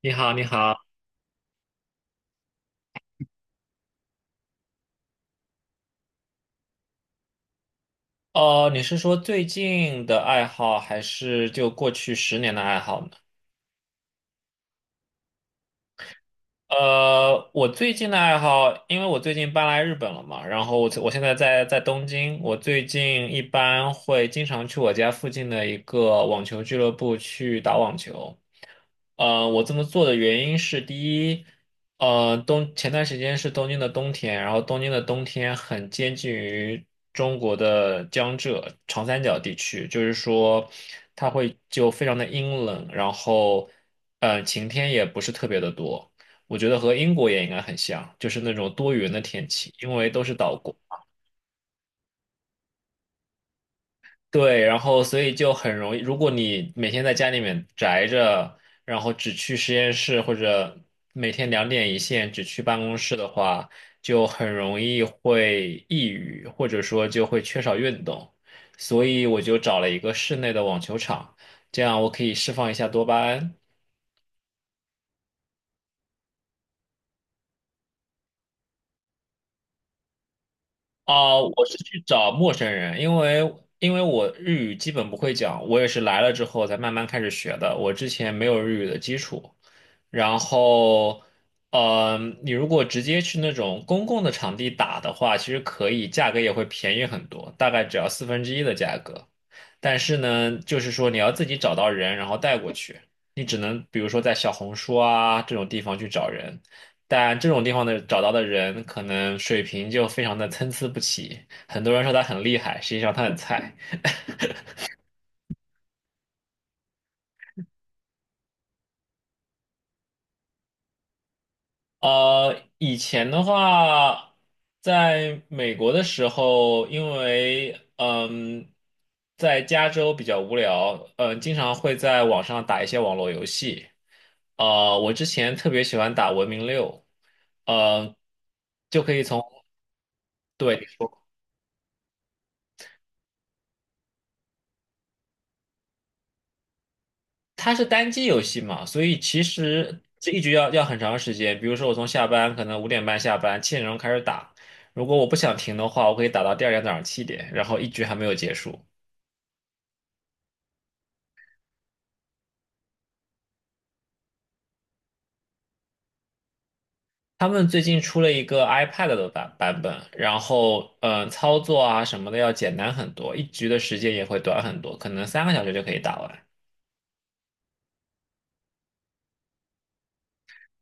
你好，你好。哦，你是说最近的爱好，还是就过去十年的爱好呢？我最近的爱好，因为我最近搬来日本了嘛，然后我现在在东京，我最近一般会经常去我家附近的一个网球俱乐部去打网球。我这么做的原因是，第一，前段时间是东京的冬天，然后东京的冬天很接近于中国的江浙长三角地区，就是说它会就非常的阴冷，然后晴天也不是特别的多。我觉得和英国也应该很像，就是那种多云的天气，因为都是岛国。对，然后所以就很容易，如果你每天在家里面宅着，然后只去实验室或者每天两点一线只去办公室的话，就很容易会抑郁，或者说就会缺少运动。所以我就找了一个室内的网球场，这样我可以释放一下多巴胺。啊、我是去找陌生人，因为我日语基本不会讲，我也是来了之后才慢慢开始学的。我之前没有日语的基础，然后，呃，你如果直接去那种公共的场地打的话，其实可以，价格也会便宜很多，大概只要四分之一的价格。但是呢，就是说你要自己找到人，然后带过去，你只能比如说在小红书啊这种地方去找人。但这种地方的找到的人，可能水平就非常的参差不齐。很多人说他很厉害，实际上他很菜。以前的话，在美国的时候，因为在加州比较无聊，经常会在网上打一些网络游戏。我之前特别喜欢打《文明六》，呃，就可以从。对。它是单机游戏嘛，所以其实这一局要很长时间。比如说，我从下班可能5:30下班，7点钟开始打。如果我不想停的话，我可以打到第二天早上七点，然后一局还没有结束。他们最近出了一个 iPad 的版本，然后操作啊什么的要简单很多，一局的时间也会短很多，可能3个小时就可以打完。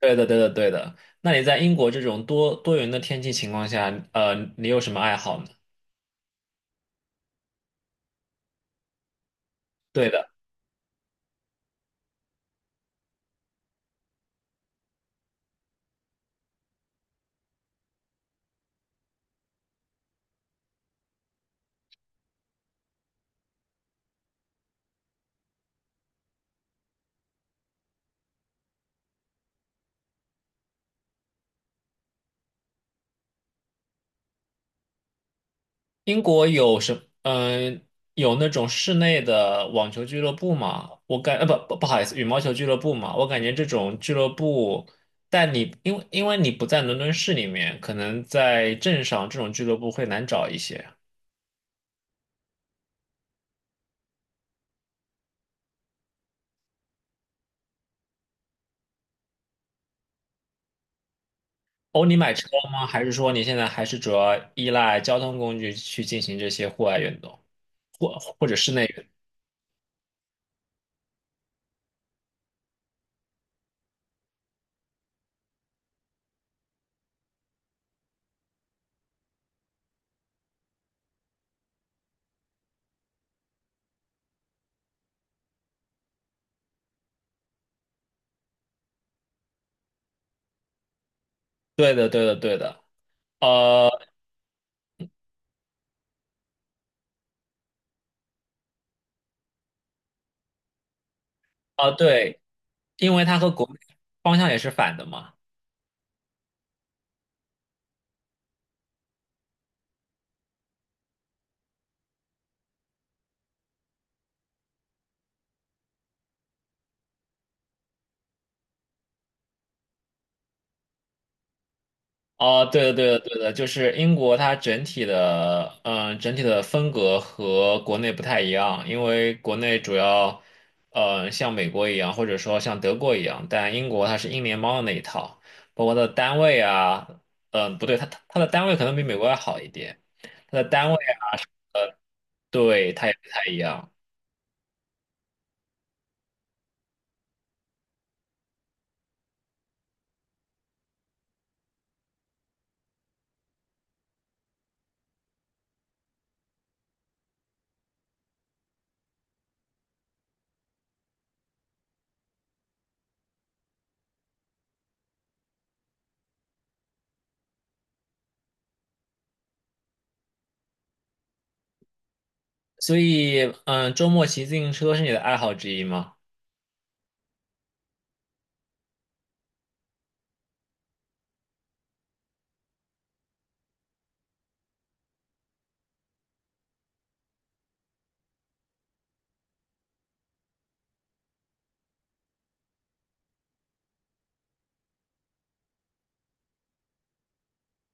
对的，对的，对的。那你在英国这种多云的天气情况下，你有什么爱好呢？对的。英国有什嗯、有那种室内的网球俱乐部吗？不好意思，羽毛球俱乐部嘛，我感觉这种俱乐部，但你因为你不在伦敦市里面，可能在镇上这种俱乐部会难找一些。哦，你买车了吗？还是说你现在还是主要依赖交通工具去进行这些户外运动，或者室内运动？对的，对的，对的。呃对，因为它和国内方向也是反的嘛。哦，对的，对的，对的，就是英国它整体的，整体的风格和国内不太一样，因为国内主要，像美国一样，或者说像德国一样，但英国它是英联邦的那一套，包括它的单位啊，不对，它的单位可能比美国要好一点，它的单位啊，对，它也不太一样，所以，周末骑自行车是你的爱好之一吗？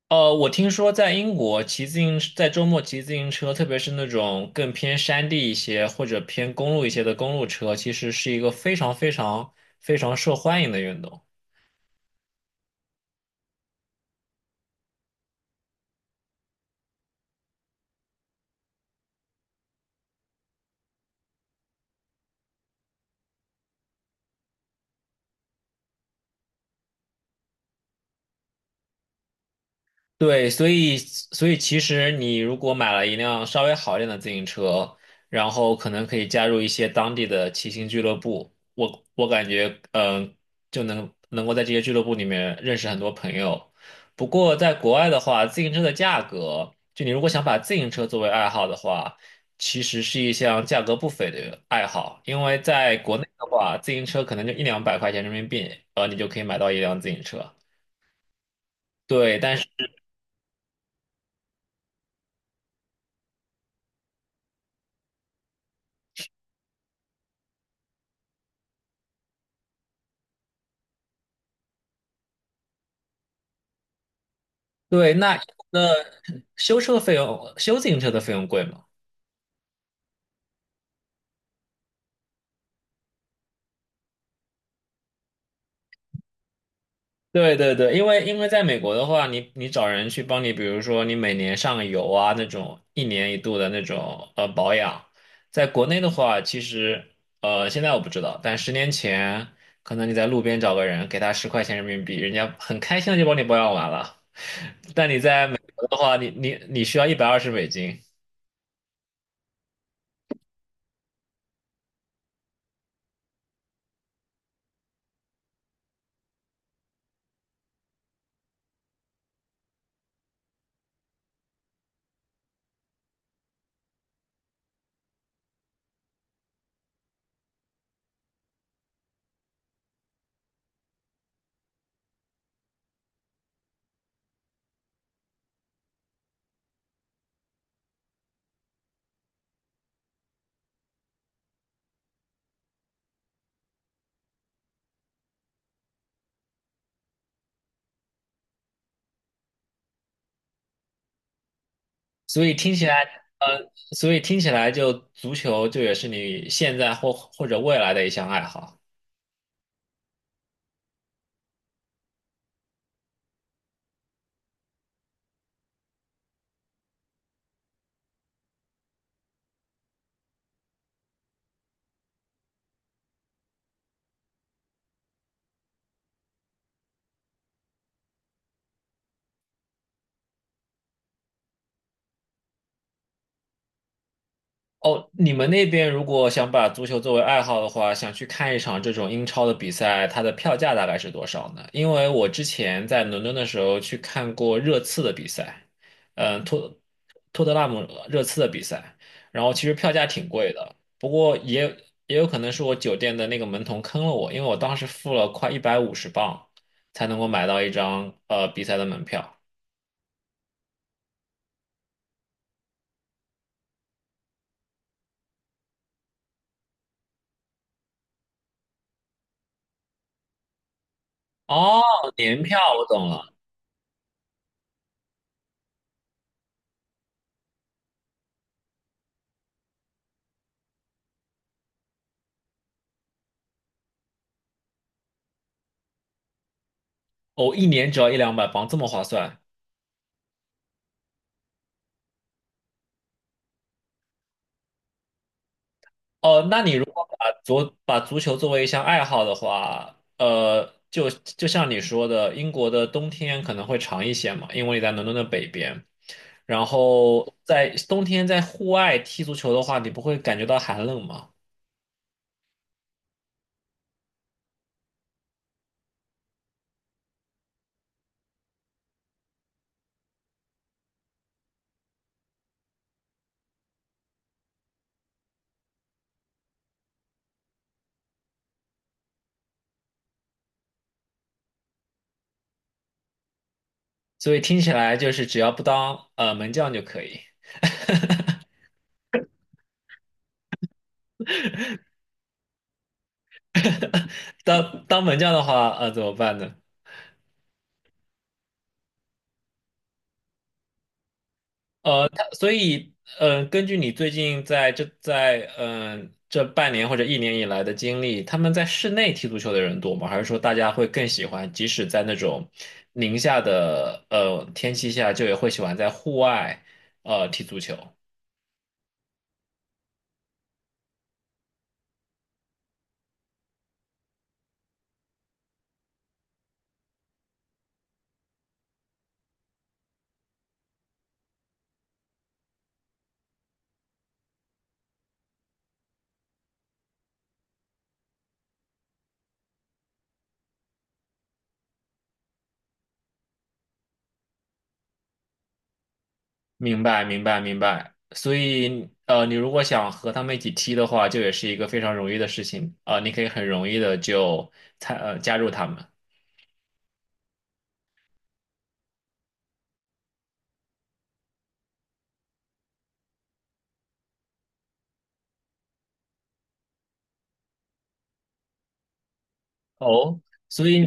我听说在英国骑自行，在周末骑自行车，特别是那种更偏山地一些或者偏公路一些的公路车，其实是一个非常非常非常受欢迎的运动。对，所以其实你如果买了一辆稍微好一点的自行车，然后可能可以加入一些当地的骑行俱乐部，我感觉就能够在这些俱乐部里面认识很多朋友。不过在国外的话，自行车的价格，就你如果想把自行车作为爱好的话，其实是一项价格不菲的爱好，因为在国内的话，自行车可能就一两百块钱人民币，你就可以买到一辆自行车。对，但是对那。修车费用、修自行车的费用贵吗？对对对，因为在美国的话，你找人去帮你，比如说你每年上个油啊那种一年一度的那种保养，在国内的话，其实现在我不知道，但10年前可能你在路边找个人给他10块钱人民币，人家很开心的就帮你保养完了。但你在美国的话，你需要120美金，所以听起来，呃，所以听起来就足球就也是你现在或者未来的一项爱好。哦，你们那边如果想把足球作为爱好的话，想去看一场这种英超的比赛，它的票价大概是多少呢？因为我之前在伦敦的时候去看过热刺的比赛，嗯，托托特纳姆热刺的比赛，然后其实票价挺贵的，不过也有可能是我酒店的那个门童坑了我，因为我当时付了快150镑才能够买到一张比赛的门票。哦，年票我懂了，哦，一年只要一两百镑，这么划算。哦，那你如果把足球作为一项爱好的话，就像你说的，英国的冬天可能会长一些嘛，因为你在伦敦的北边，然后在冬天在户外踢足球的话，你不会感觉到寒冷吗？所以听起来就是只要不当门将就可以，当门将的话，怎么办呢？所以根据你最近在这半年或者一年以来的经历，他们在室内踢足球的人多吗？还是说大家会更喜欢，即使在那种宁夏的天气下，就也会喜欢在户外踢足球？明白，明白，明白。所以你如果想和他们一起踢的话，就也是一个非常容易的事情啊、你可以很容易的就加入他们。哦，所以，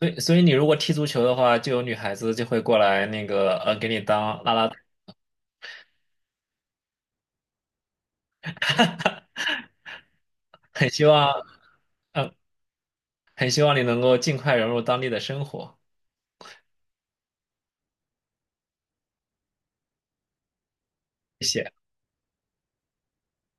所以你如果踢足球的话，就有女孩子就会过来那个给你当拉拉队，很希望，嗯、很希望你能够尽快融入当地的生活。谢谢。